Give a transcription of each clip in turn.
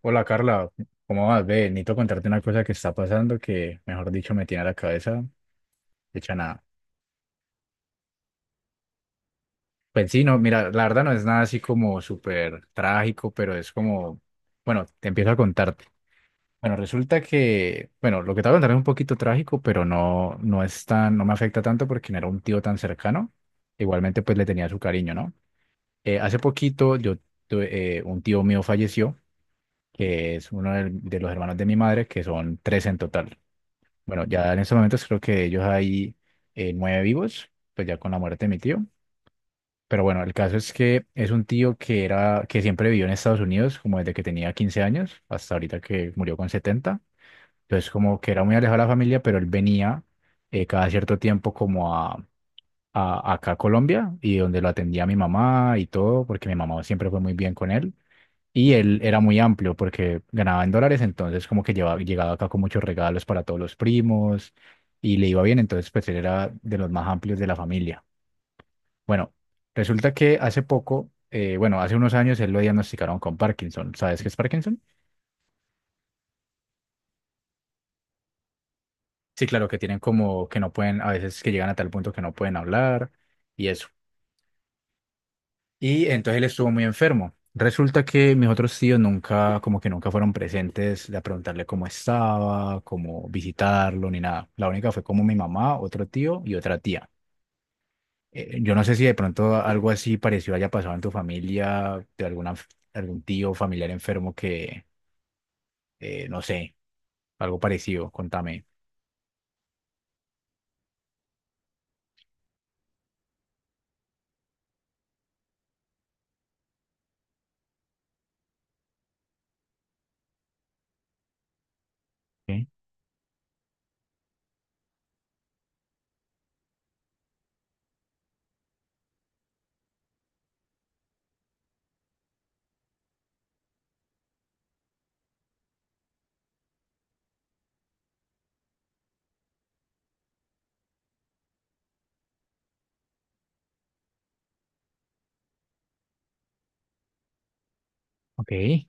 Hola Carla, ¿cómo vas? Ve, necesito contarte una cosa que está pasando que, mejor dicho, me tiene la cabeza hecha nada. Pues sí, no, mira, la verdad no es nada así como súper trágico, pero es como, bueno, te empiezo a contarte. Bueno, resulta que, bueno, lo que te voy a contar es un poquito trágico, pero no, no es tan, no me afecta tanto porque no era un tío tan cercano. Igualmente, pues le tenía su cariño, ¿no? Hace poquito yo tuve, un tío mío falleció, que es uno de los hermanos de mi madre, que son tres en total. Bueno, ya en ese momento creo que ellos hay nueve vivos, pues ya con la muerte de mi tío. Pero bueno, el caso es que es un tío que era, que siempre vivió en Estados Unidos, como desde que tenía 15 años hasta ahorita que murió con 70. Entonces, como que era muy alejado de la familia, pero él venía cada cierto tiempo como a acá a Colombia y donde lo atendía mi mamá y todo, porque mi mamá siempre fue muy bien con él. Y él era muy amplio porque ganaba en dólares, entonces como que llevaba, llegaba acá con muchos regalos para todos los primos y le iba bien, entonces pues él era de los más amplios de la familia. Bueno, resulta que hace poco, bueno, hace unos años él lo diagnosticaron con Parkinson. ¿Sabes qué es Parkinson? Sí, claro, que tienen como que no pueden, a veces que llegan a tal punto que no pueden hablar y es. Y entonces él estuvo muy enfermo. Resulta que mis otros tíos nunca, como que nunca fueron presentes de preguntarle cómo estaba, cómo visitarlo, ni nada. La única fue como mi mamá, otro tío y otra tía. Yo no sé si de pronto algo así parecido haya pasado en tu familia, de alguna, algún tío familiar enfermo que, no sé, algo parecido, contame. Ok. Ok.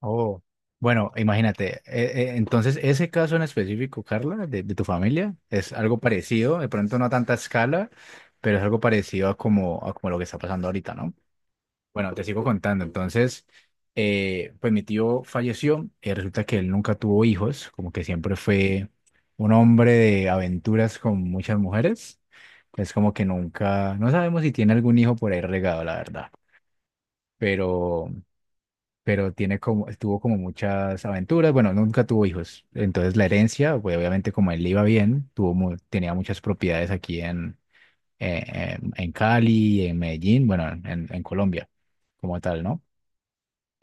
Oh, bueno, imagínate, entonces ese caso en específico, Carla, de tu familia, es algo parecido, de pronto no a tanta escala, pero es algo parecido a como lo que está pasando ahorita, ¿no? Bueno, te sigo contando, entonces, pues mi tío falleció, resulta que él nunca tuvo hijos, como que siempre fue un hombre de aventuras con muchas mujeres, es como que nunca, no sabemos si tiene algún hijo por ahí regado, la verdad. Pero pero tiene como, tuvo como muchas aventuras, bueno, nunca tuvo hijos, entonces la herencia, pues obviamente como él le iba bien, tuvo, tenía muchas propiedades aquí eh, en Cali, en Medellín, bueno, en Colombia como tal, ¿no?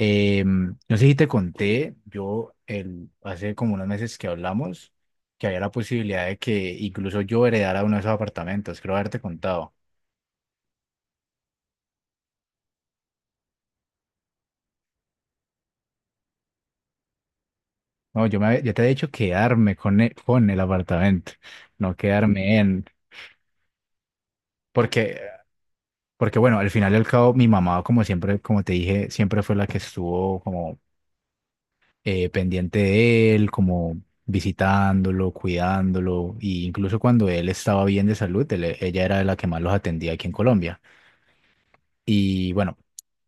No sé si te conté, yo el, hace como unos meses que hablamos, que había la posibilidad de que incluso yo heredara uno de esos apartamentos, creo haberte contado. No, yo te he dicho quedarme con el apartamento, no quedarme en... Porque Porque bueno, al final y al cabo, mi mamá, como siempre, como te dije, siempre fue la que estuvo como pendiente de él, como visitándolo, cuidándolo, y incluso cuando él estaba bien de salud, ella era la que más los atendía aquí en Colombia. Y bueno,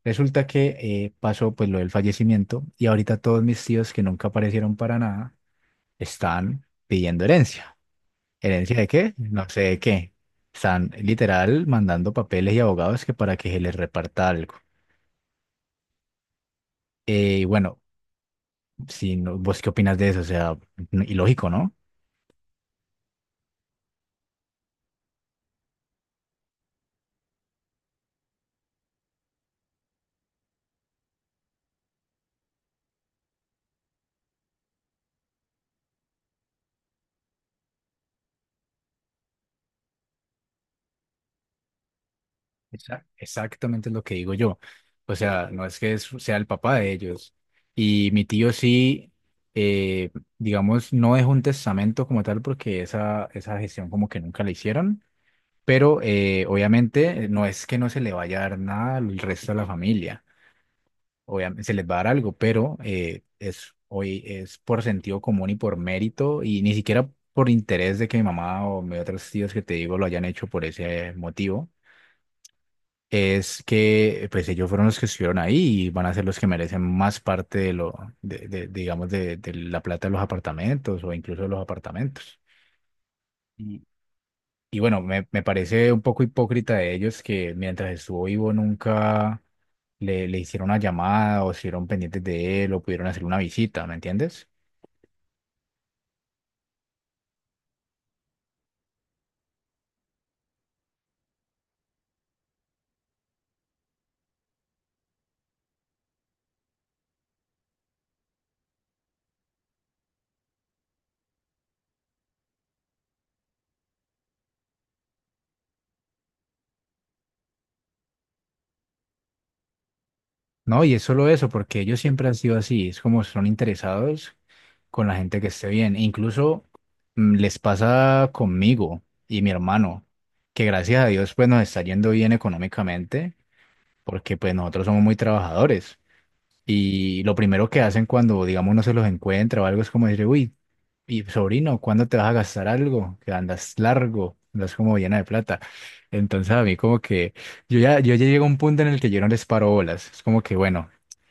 resulta que pasó pues lo del fallecimiento y ahorita todos mis tíos que nunca aparecieron para nada están pidiendo herencia. ¿Herencia de qué? No sé de qué. Están literal mandando papeles y abogados que para que se les reparta algo. Y bueno, sí, no, ¿vos qué opinas de eso? O sea, ilógico, ¿no? Exacto. Exactamente es lo que digo yo. O sea, no es que sea el papá de ellos. Y mi tío sí, eh, digamos, no dejó un testamento como tal porque esa gestión como que nunca la hicieron, pero obviamente no es que no se le vaya a dar nada al resto de la familia. Obviamente se les va a dar algo, pero hoy es por sentido común y por mérito y ni siquiera por interés de que mi mamá o mis otros tíos que te digo lo hayan hecho por ese motivo. Es que pues ellos fueron los que estuvieron ahí y van a ser los que merecen más parte de lo, de, digamos, de la plata de los apartamentos o incluso de los apartamentos. Y, y bueno, me parece un poco hipócrita de ellos que mientras estuvo vivo nunca le hicieron una llamada o estuvieron pendientes de él o pudieron hacer una visita, ¿me entiendes? No, y es solo eso, porque ellos siempre han sido así, es como son interesados con la gente que esté bien. E incluso les pasa conmigo y mi hermano, que gracias a Dios pues nos está yendo bien económicamente, porque pues nosotros somos muy trabajadores. Y lo primero que hacen cuando, digamos, no se los encuentra o algo es como decir, uy, y sobrino, ¿cuándo te vas a gastar algo? Que andas largo, andas como llena de plata. Entonces a mí como que yo ya llego a un punto en el que yo no les paro bolas. Es como que bueno,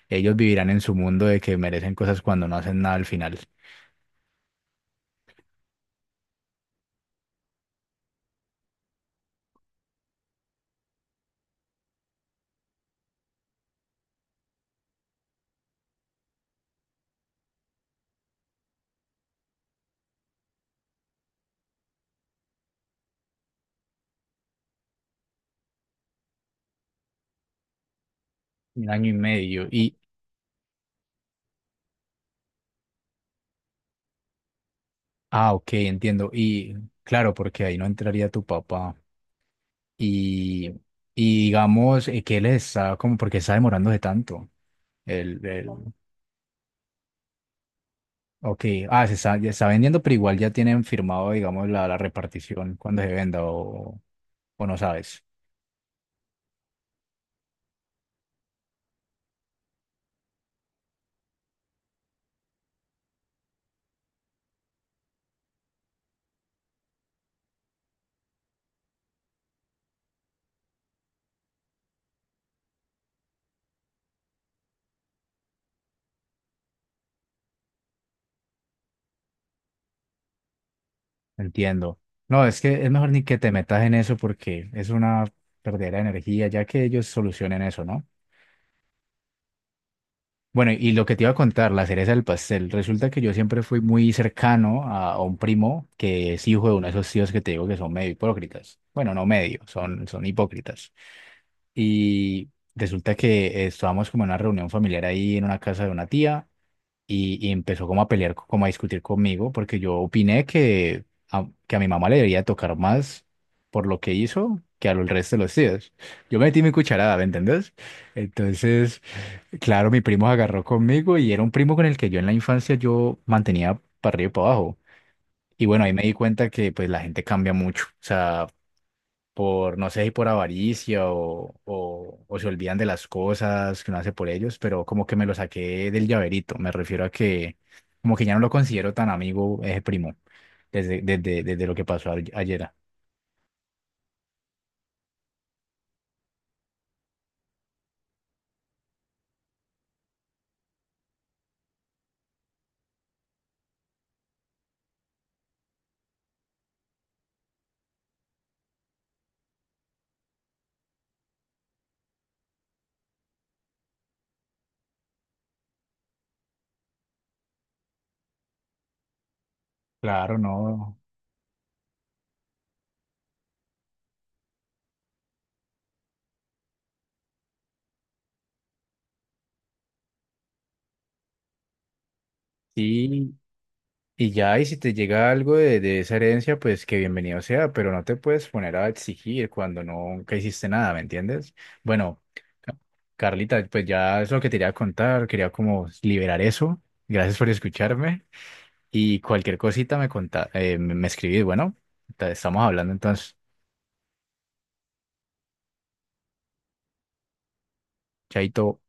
ellos vivirán en su mundo de que merecen cosas cuando no hacen nada al final. Un año y medio. Y, ah, ok, entiendo. Y claro, porque ahí no entraría tu papá. Y, y digamos, que él está como porque está demorándose tanto? El, el- Ok, ah, se está, ya está vendiendo, pero igual ya tienen firmado, digamos, la repartición cuando se venda o no sabes. Entiendo. No, es que es mejor ni que te metas en eso porque es una perdera de energía, ya que ellos solucionen eso, ¿no? Bueno, y lo que te iba a contar, la cereza del pastel. Resulta que yo siempre fui muy cercano a un primo que es hijo de uno de esos tíos que te digo que son medio hipócritas. Bueno, no medio, son, son hipócritas. Y resulta que estábamos como en una reunión familiar ahí en una casa de una tía. Y empezó como a pelear, como a discutir conmigo, porque yo opiné que que a mi mamá le debería tocar más por lo que hizo que a los resto de los tíos. Yo metí mi cucharada, ¿me entendés? Entonces, claro, mi primo se agarró conmigo y era un primo con el que yo en la infancia yo mantenía para arriba y para abajo. Y bueno, ahí me di cuenta que pues la gente cambia mucho. O sea, por, no sé si por avaricia o se olvidan de las cosas que uno hace por ellos, pero como que me lo saqué del llaverito. Me refiero a que como que ya no lo considero tan amigo ese primo desde lo que pasó ayer. Claro, no. Sí, y ya, y si te llega algo de esa herencia, pues que bienvenido sea, pero no te puedes poner a exigir cuando nunca hiciste nada, ¿me entiendes? Bueno, Ca- Carlita, pues ya es lo que te quería contar, quería como liberar eso. Gracias por escucharme. Y cualquier cosita me conta, me escribís. Bueno, estamos hablando entonces. Chaito.